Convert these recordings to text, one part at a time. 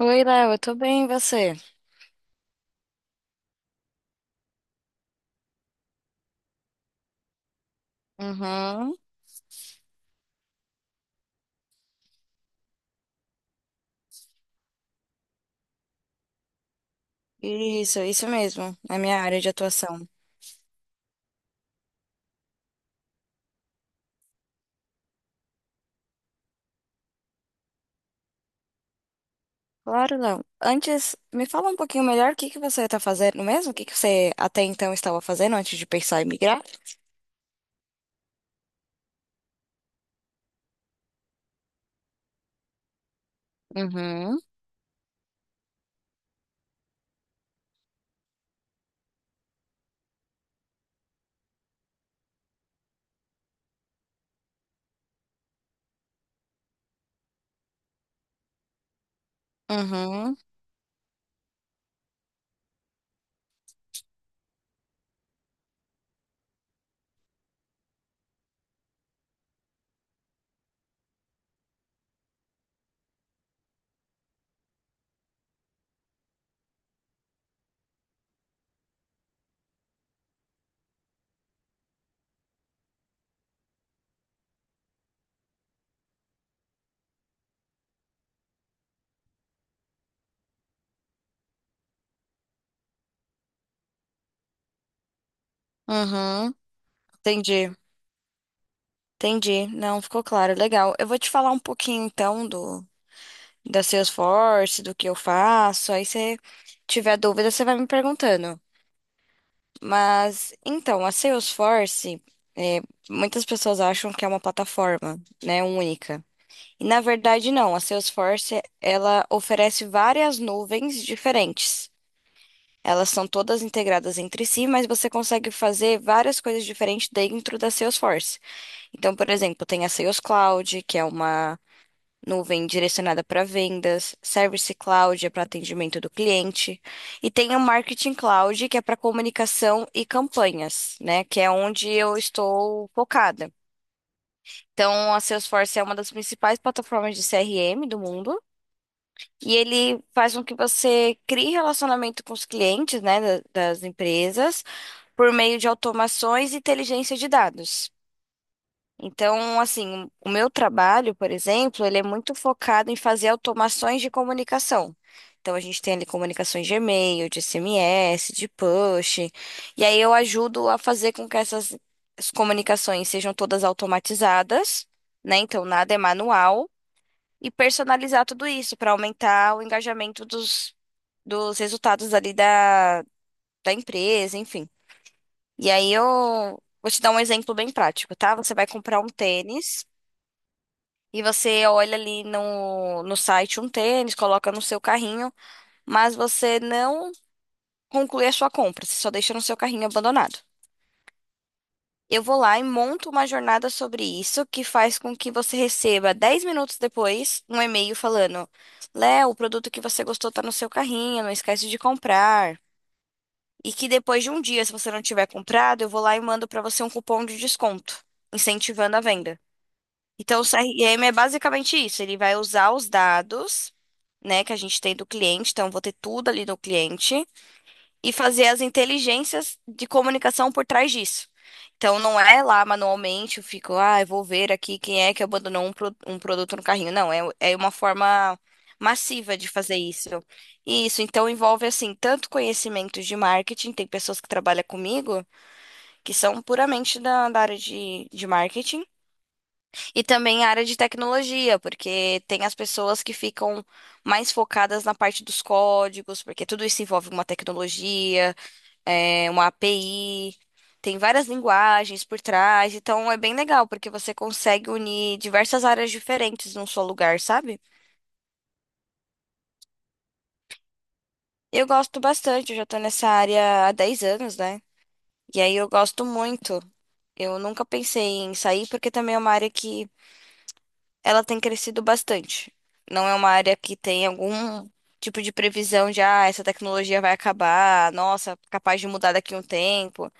Oi, Léo, eu tô bem, e você? Uhum. Isso mesmo, é minha área de atuação. Claro, Léo. Antes, me fala um pouquinho melhor o que que você tá fazendo mesmo? O que que você até então estava fazendo antes de pensar em migrar? Uhum, uhum, uhum. Entendi, entendi. Não, ficou claro, legal. Eu vou te falar um pouquinho então do da Salesforce, do que eu faço. Aí se tiver dúvida, você vai me perguntando. Mas, então, a Salesforce, é, muitas pessoas acham que é uma plataforma, né, única. E, na verdade, não. A Salesforce, ela oferece várias nuvens diferentes. Elas são todas integradas entre si, mas você consegue fazer várias coisas diferentes dentro da Salesforce. Então, por exemplo, tem a Sales Cloud, que é uma nuvem direcionada para vendas, Service Cloud é para atendimento do cliente, e tem o Marketing Cloud, que é para comunicação e campanhas, né? Que é onde eu estou focada. Então, a Salesforce é uma das principais plataformas de CRM do mundo. E ele faz com que você crie relacionamento com os clientes, né, das empresas, por meio de automações e inteligência de dados. Então, assim, o meu trabalho, por exemplo, ele é muito focado em fazer automações de comunicação. Então, a gente tem ali comunicações de e-mail, de SMS, de push. E aí eu ajudo a fazer com que essas as comunicações sejam todas automatizadas, né? Então, nada é manual. E personalizar tudo isso para aumentar o engajamento dos, dos resultados ali da, da empresa, enfim. E aí eu vou te dar um exemplo bem prático, tá? Você vai comprar um tênis. E você olha ali no, no site um tênis, coloca no seu carrinho, mas você não conclui a sua compra, você só deixa no seu carrinho abandonado. Eu vou lá e monto uma jornada sobre isso, que faz com que você receba 10 minutos depois um e-mail falando: Léo, o produto que você gostou está no seu carrinho, não esquece de comprar. E que depois de um dia, se você não tiver comprado, eu vou lá e mando para você um cupom de desconto, incentivando a venda. Então, o CRM é basicamente isso. Ele vai usar os dados, né, que a gente tem do cliente, então eu vou ter tudo ali do cliente e fazer as inteligências de comunicação por trás disso. Então, não é lá manualmente, eu fico, ah, eu vou ver aqui quem é que abandonou um produto no carrinho. Não, é uma forma massiva de fazer isso. E isso, então, envolve, assim, tanto conhecimento de marketing, tem pessoas que trabalham comigo que são puramente da, da área de marketing, e também a área de tecnologia, porque tem as pessoas que ficam mais focadas na parte dos códigos, porque tudo isso envolve uma tecnologia, uma API, tem várias linguagens por trás, então é bem legal, porque você consegue unir diversas áreas diferentes num só lugar, sabe? Eu gosto bastante, eu já tô nessa área há 10 anos, né? E aí eu gosto muito. Eu nunca pensei em sair, porque também é uma área que ela tem crescido bastante. Não é uma área que tem algum tipo de previsão de, ah, essa tecnologia vai acabar, nossa, capaz de mudar daqui a um tempo.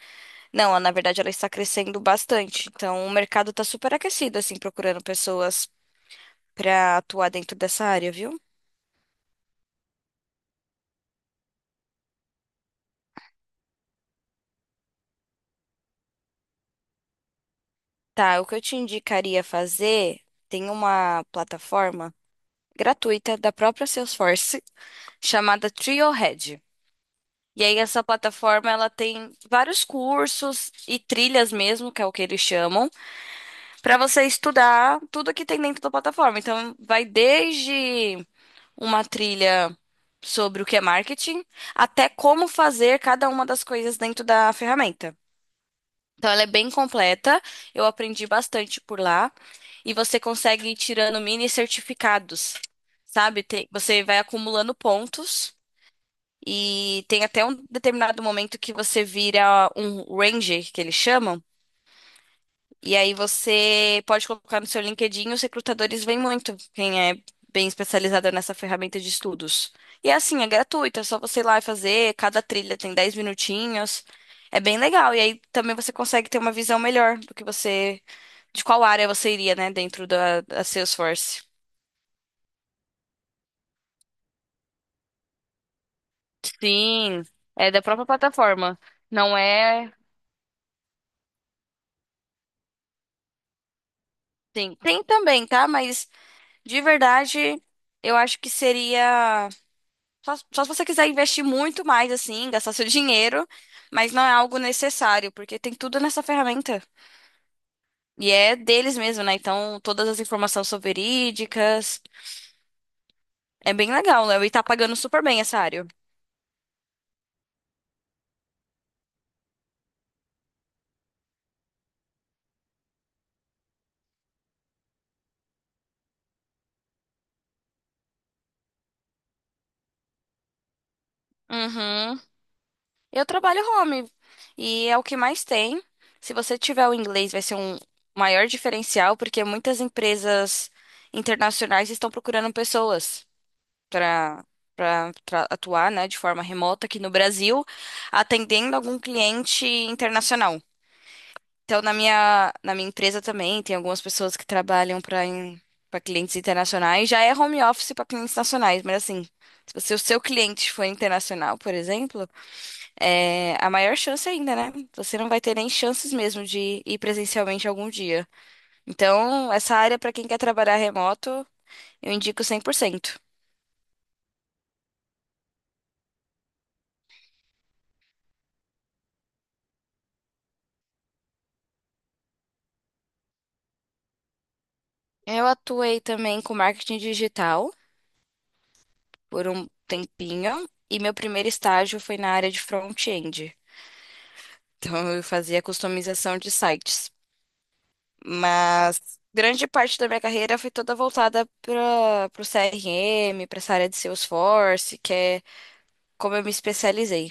Não, na verdade ela está crescendo bastante. Então o mercado está super aquecido, assim, procurando pessoas para atuar dentro dessa área, viu? Tá, o que eu te indicaria fazer, tem uma plataforma gratuita da própria Salesforce chamada Trailhead. E aí essa plataforma ela tem vários cursos e trilhas mesmo, que é o que eles chamam, para você estudar tudo que tem dentro da plataforma. Então vai desde uma trilha sobre o que é marketing até como fazer cada uma das coisas dentro da ferramenta. Então ela é bem completa, eu aprendi bastante por lá e você consegue ir tirando mini certificados, sabe? Você vai acumulando pontos. E tem até um determinado momento que você vira um ranger, que eles chamam, e aí você pode colocar no seu LinkedIn, os recrutadores veem muito quem é bem especializado nessa ferramenta de estudos. E é assim, é gratuito, é só você ir lá e fazer, cada trilha tem 10 minutinhos. É bem legal, e aí também você consegue ter uma visão melhor do que você, de qual área você iria, né, dentro da, da Salesforce. Sim, é da própria plataforma. Não é. Sim, tem também, tá? Mas de verdade, eu acho que seria. Só, só se você quiser investir muito mais, assim, gastar seu dinheiro, mas não é algo necessário, porque tem tudo nessa ferramenta. E é deles mesmo, né? Então, todas as informações são verídicas. É bem legal, né? E tá pagando super bem essa área. Uhum. Eu trabalho home, e é o que mais tem. Se você tiver o inglês, vai ser um maior diferencial, porque muitas empresas internacionais estão procurando pessoas. para para atuar, né, de forma remota aqui no Brasil, atendendo algum cliente internacional. Então, na minha empresa também tem algumas pessoas que trabalham para clientes internacionais. Já é home office para clientes nacionais, mas assim, se você- o seu cliente for internacional, por exemplo, é a maior chance ainda, né? Você não vai ter nem chances mesmo de ir presencialmente algum dia. Então, essa área para quem quer trabalhar remoto, eu indico 100%. Eu atuei também com marketing digital por um tempinho e meu primeiro estágio foi na área de front-end. Então eu fazia customização de sites. Mas grande parte da minha carreira foi toda voltada para o CRM, para essa área de Salesforce, que é como eu me especializei.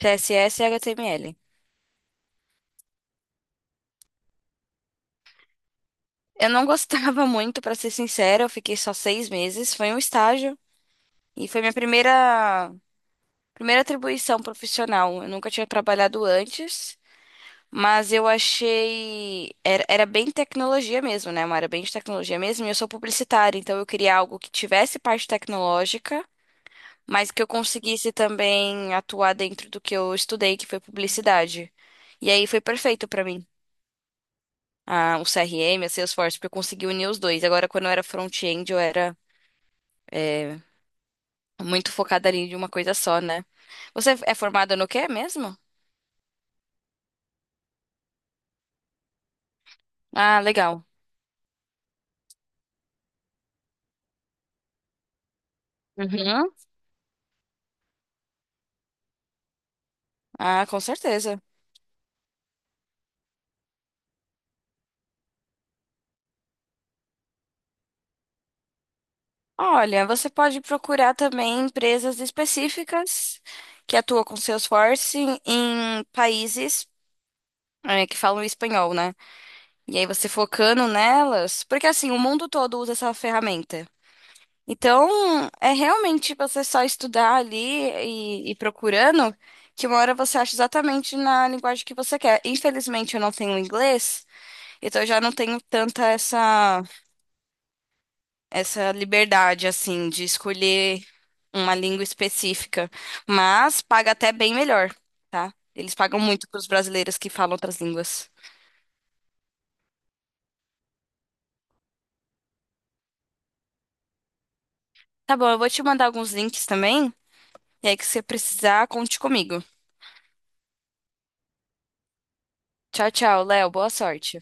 CSS e HTML. Eu não gostava muito, para ser sincera, eu fiquei só 6 meses, foi um estágio e foi minha primeira primeira atribuição profissional. Eu nunca tinha trabalhado antes. Mas eu achei. Era bem tecnologia mesmo, né? Uma área bem de tecnologia mesmo. E eu sou publicitária, então eu queria algo que tivesse parte tecnológica, mas que eu conseguisse também atuar dentro do que eu estudei, que foi publicidade. E aí foi perfeito pra mim. Ah, o CRM, a Salesforce, porque eu consegui unir os dois. Agora, quando eu era front-end, eu era é, muito focada ali em uma coisa só, né? Você é formada no quê mesmo? Ah, legal. Uhum. Ah, com certeza. Olha, você pode procurar também empresas específicas que atuam com Salesforce em países, que falam espanhol, né? E aí você focando nelas, porque assim, o mundo todo usa essa ferramenta. Então, é realmente você só estudar ali e procurando, que uma hora você acha exatamente na linguagem que você quer. Infelizmente, eu não tenho inglês, então eu já não tenho tanta essa liberdade, assim, de escolher uma língua específica, mas paga até bem melhor, tá? Eles pagam muito para os brasileiros que falam outras línguas. Tá bom, eu vou te mandar alguns links também, e aí que você precisar, conte comigo. Tchau, tchau, Léo, boa sorte.